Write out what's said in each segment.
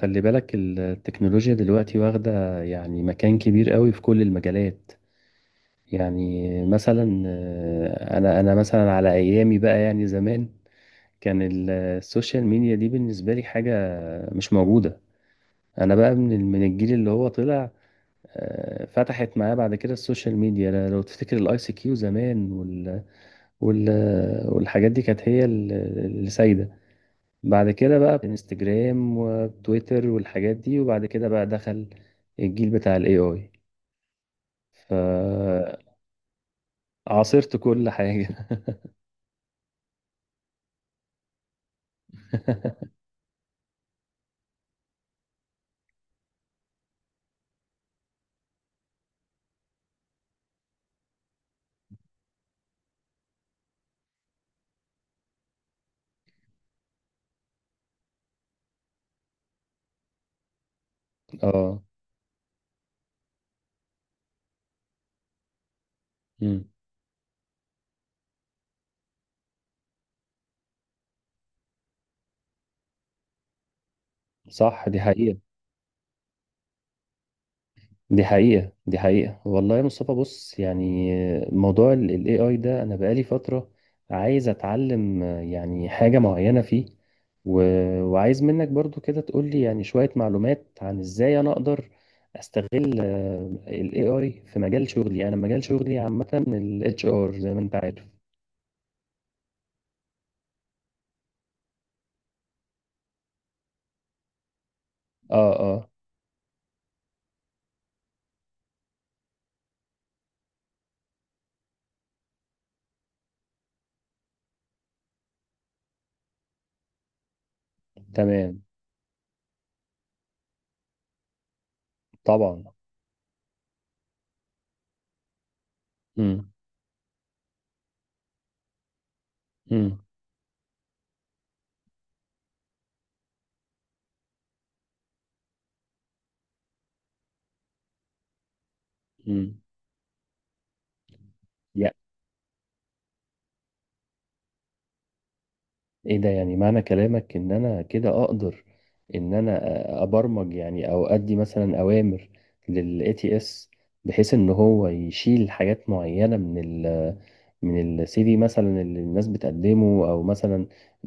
خلي بالك، التكنولوجيا دلوقتي واخدة يعني مكان كبير قوي في كل المجالات. يعني مثلا انا مثلا على ايامي بقى يعني زمان، كان السوشيال ميديا دي بالنسبة لي حاجة مش موجودة. انا بقى من من الجيل اللي هو طلع. فتحت معاه بعد كده السوشيال ميديا. لو تفتكر الاي سي كيو زمان وال والحاجات دي كانت هي اللي سايدة. بعد كده بقى انستجرام وتويتر والحاجات دي، وبعد كده بقى دخل الجيل بتاع الاي اي، فعاصرت كل حاجة. اه. مم. صح، دي حقيقة. دي حقيقة. دي حقيقة والله يا مصطفى. بص، يعني موضوع ال AI ده، أنا بقالي فترة عايز أتعلم يعني حاجة معينة فيه، و... وعايز منك برضو كده تقولي يعني شوية معلومات عن إزاي أنا أقدر أستغل ال AI في مجال شغلي. أنا مجال شغلي عامة ال HR زي ما أنت عارف. آه، آه، تمام. طبعا. مم. مم. مم. ايه ده؟ يعني معنى كلامك ان انا كده اقدر ان انا ابرمج يعني، او ادي مثلا اوامر للاي تي اس بحيث ان هو يشيل حاجات معينه من ال من السي في مثلا اللي الناس بتقدمه، او مثلا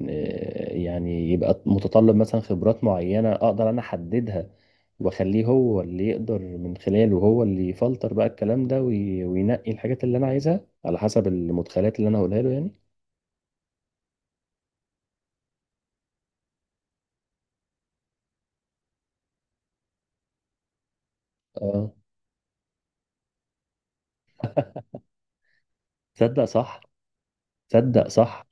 يعني يبقى متطلب مثلا خبرات معينه اقدر انا احددها، واخليه هو اللي يقدر من خلاله، هو اللي يفلتر بقى الكلام ده وينقي الحاجات اللي انا عايزها على حسب المدخلات اللي انا هقولها له، يعني. اه، تصدق صح. تصدق صح.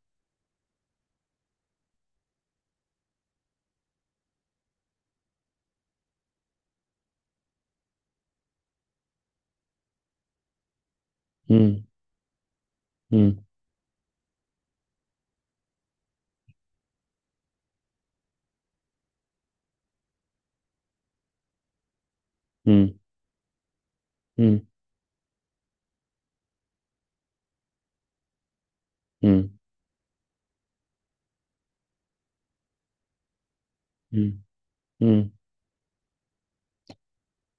امم. امم. امم. امم. امم. امم. امم.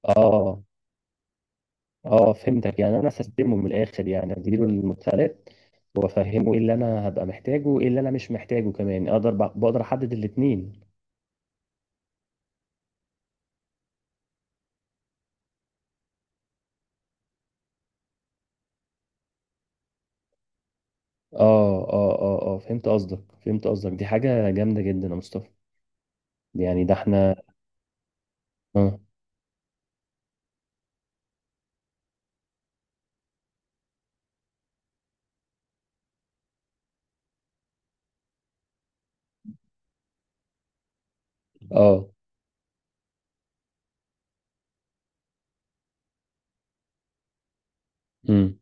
اه، اه، فهمتك، يعني انا هستلمه من الاخر، يعني اديله المدخلات وافهمه ايه اللي انا هبقى محتاجه وايه اللي انا مش محتاجه، كمان اقدر بقدر احدد الاتنين. اه، اه، اه، اه، فهمت قصدك، فهمت قصدك، دي حاجة جامدة جدا يا مصطفى. يعني ده احنا. اه، اه، امم،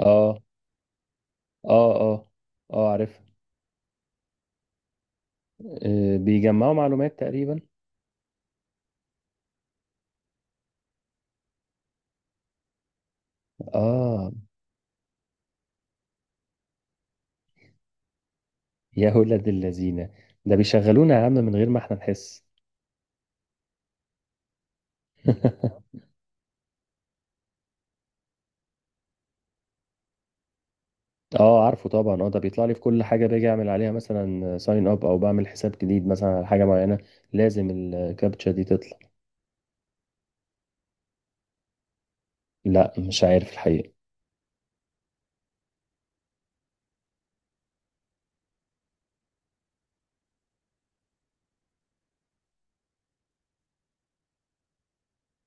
اه، اه، اه، اه، عارف. بيجمعوا معلومات تقريبا. اه، يا ولاد اللذينه، ده بيشغلونا يا عم من غير ما احنا نحس. اه، عارفه طبعا. اه، ده بيطلع لي في كل حاجه باجي اعمل عليها مثلا ساين اب، او بعمل حساب جديد مثلا على حاجه معينه لازم الكابتشا دي تطلع. لا، مش عارف الحقيقه.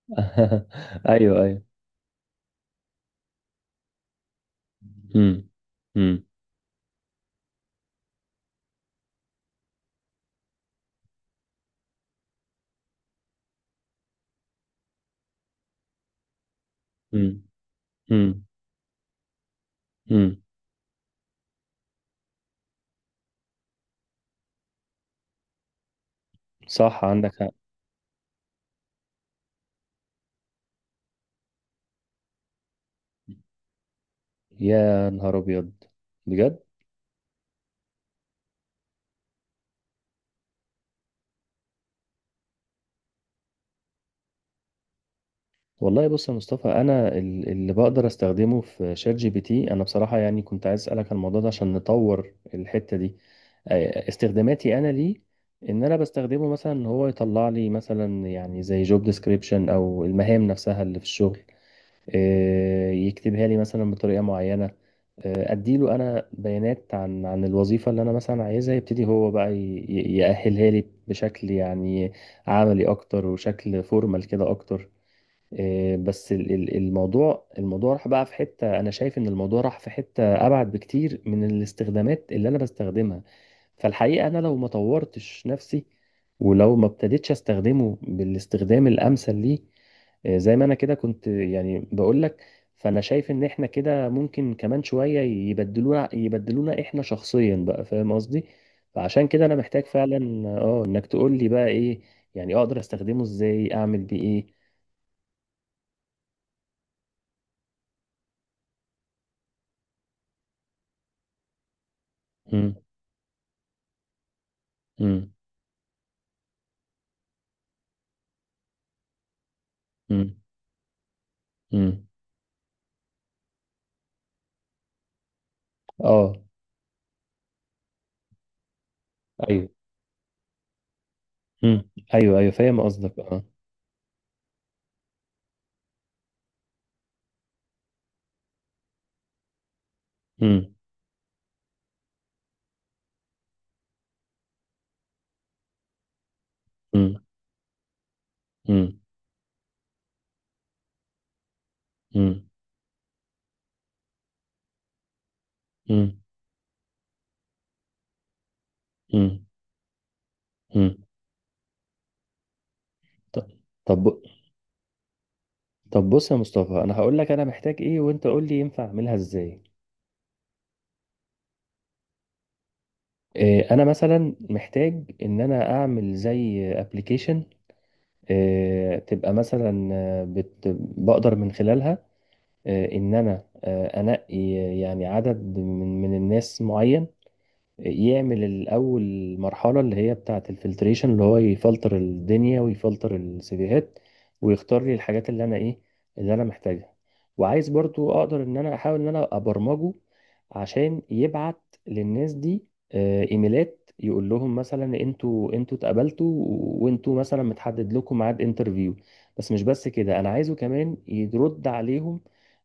ايوه، ايوه. امم. امم. امم. امم. صح، عندك حق. يا نهار ابيض، بجد. والله بص يا مصطفى، انا اللي بقدر استخدمه في شات جي بي تي، انا بصراحه يعني كنت عايز اسالك عن الموضوع ده عشان نطور الحته دي. استخداماتي انا ليه ان انا بستخدمه مثلا ان هو يطلع لي مثلا يعني زي جوب ديسكريبشن او المهام نفسها اللي في الشغل. يكتبها لي مثلا بطريقه معينه. اديله انا بيانات عن الوظيفه اللي انا مثلا عايزها، يبتدي هو بقى يأهلها لي بشكل يعني عملي اكتر، وشكل فورمال كده اكتر. إيه، بس الموضوع راح بقى في حتة، أنا شايف إن الموضوع راح في حتة أبعد بكتير من الاستخدامات اللي أنا بستخدمها. فالحقيقة أنا لو ما طورتش نفسي ولو ما ابتديتش أستخدمه بالاستخدام الأمثل ليه، إيه، زي ما أنا كده كنت يعني بقول لك، فأنا شايف إن إحنا كده ممكن كمان شوية يبدلونا، يبدلونا إحنا شخصيا بقى، فاهم قصدي؟ فعشان كده أنا محتاج فعلا إنك تقول لي بقى إيه، يعني أقدر أستخدمه إزاي، أعمل بيه إيه؟ امم، امم، امم، اه، ايوه، امم، ايوه، ايوه، فاهم قصدك. اه. امم. امم. امم. امم. امم. امم. امم. ط- طب، طب، بص يا مصطفى، انا هقول لك انا محتاج ايه وانت قول لي ينفع اعملها ازاي. إيه، انا مثلا محتاج ان انا اعمل زي ابلكيشن، إيه، تبقى مثلا آه، بت بقدر من خلالها ان انا انقي يعني عدد من الناس معين، يعمل الأول مرحلة اللي هي بتاعة الفلتريشن، اللي هو يفلتر الدنيا ويفلتر السيفيهات ويختار لي الحاجات اللي أنا، إيه، اللي أنا محتاجها. وعايز برضو أقدر إن أنا أحاول إن أنا أبرمجه عشان يبعت للناس دي إيميلات، يقول لهم مثلا أنتوا اتقبلتوا، وأنتوا مثلا متحدد لكم ميعاد انترفيو. بس مش بس كده، أنا عايزه كمان يرد عليهم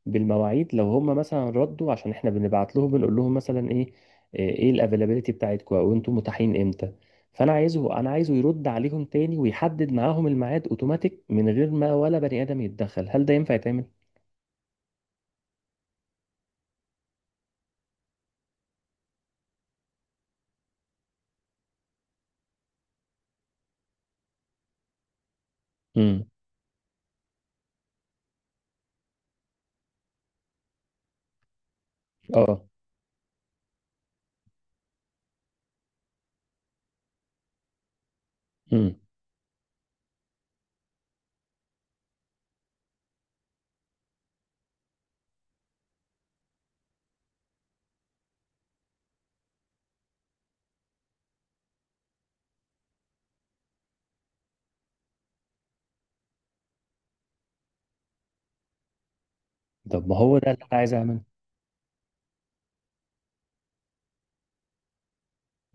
بالمواعيد لو هم مثلا ردوا، عشان احنا بنبعت لهم بنقول لهم مثلا ايه، ايه الافيلابيلتي بتاعتكم، او انتم متاحين امتى. فانا عايزه يرد عليهم تاني ويحدد معاهم الميعاد اوتوماتيك من غير ما ولا بني ادم يتدخل. هل ده ينفع يتعمل؟ امم، اه، امم. طب ما هو ده اللي انا عايز اعمله.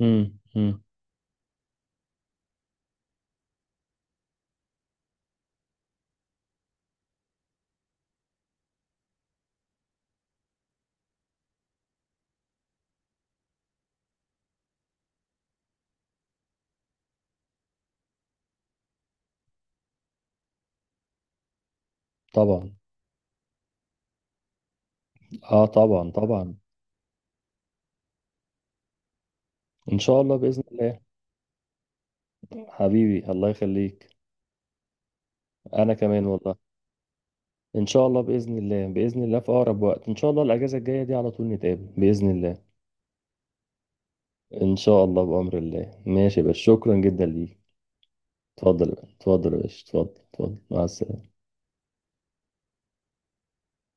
امم. امم. طبعا. اه، طبعا، طبعا. ان شاء الله، باذن الله. حبيبي، الله يخليك. انا كمان والله. ان شاء الله، باذن الله، باذن الله في اقرب وقت ان شاء الله. الاجازه الجايه دي على طول نتقابل باذن الله. ان شاء الله، بامر الله. ماشي، بس شكرا جدا ليك. اتفضل، اتفضل يا باشا، اتفضل، اتفضل، مع السلامة.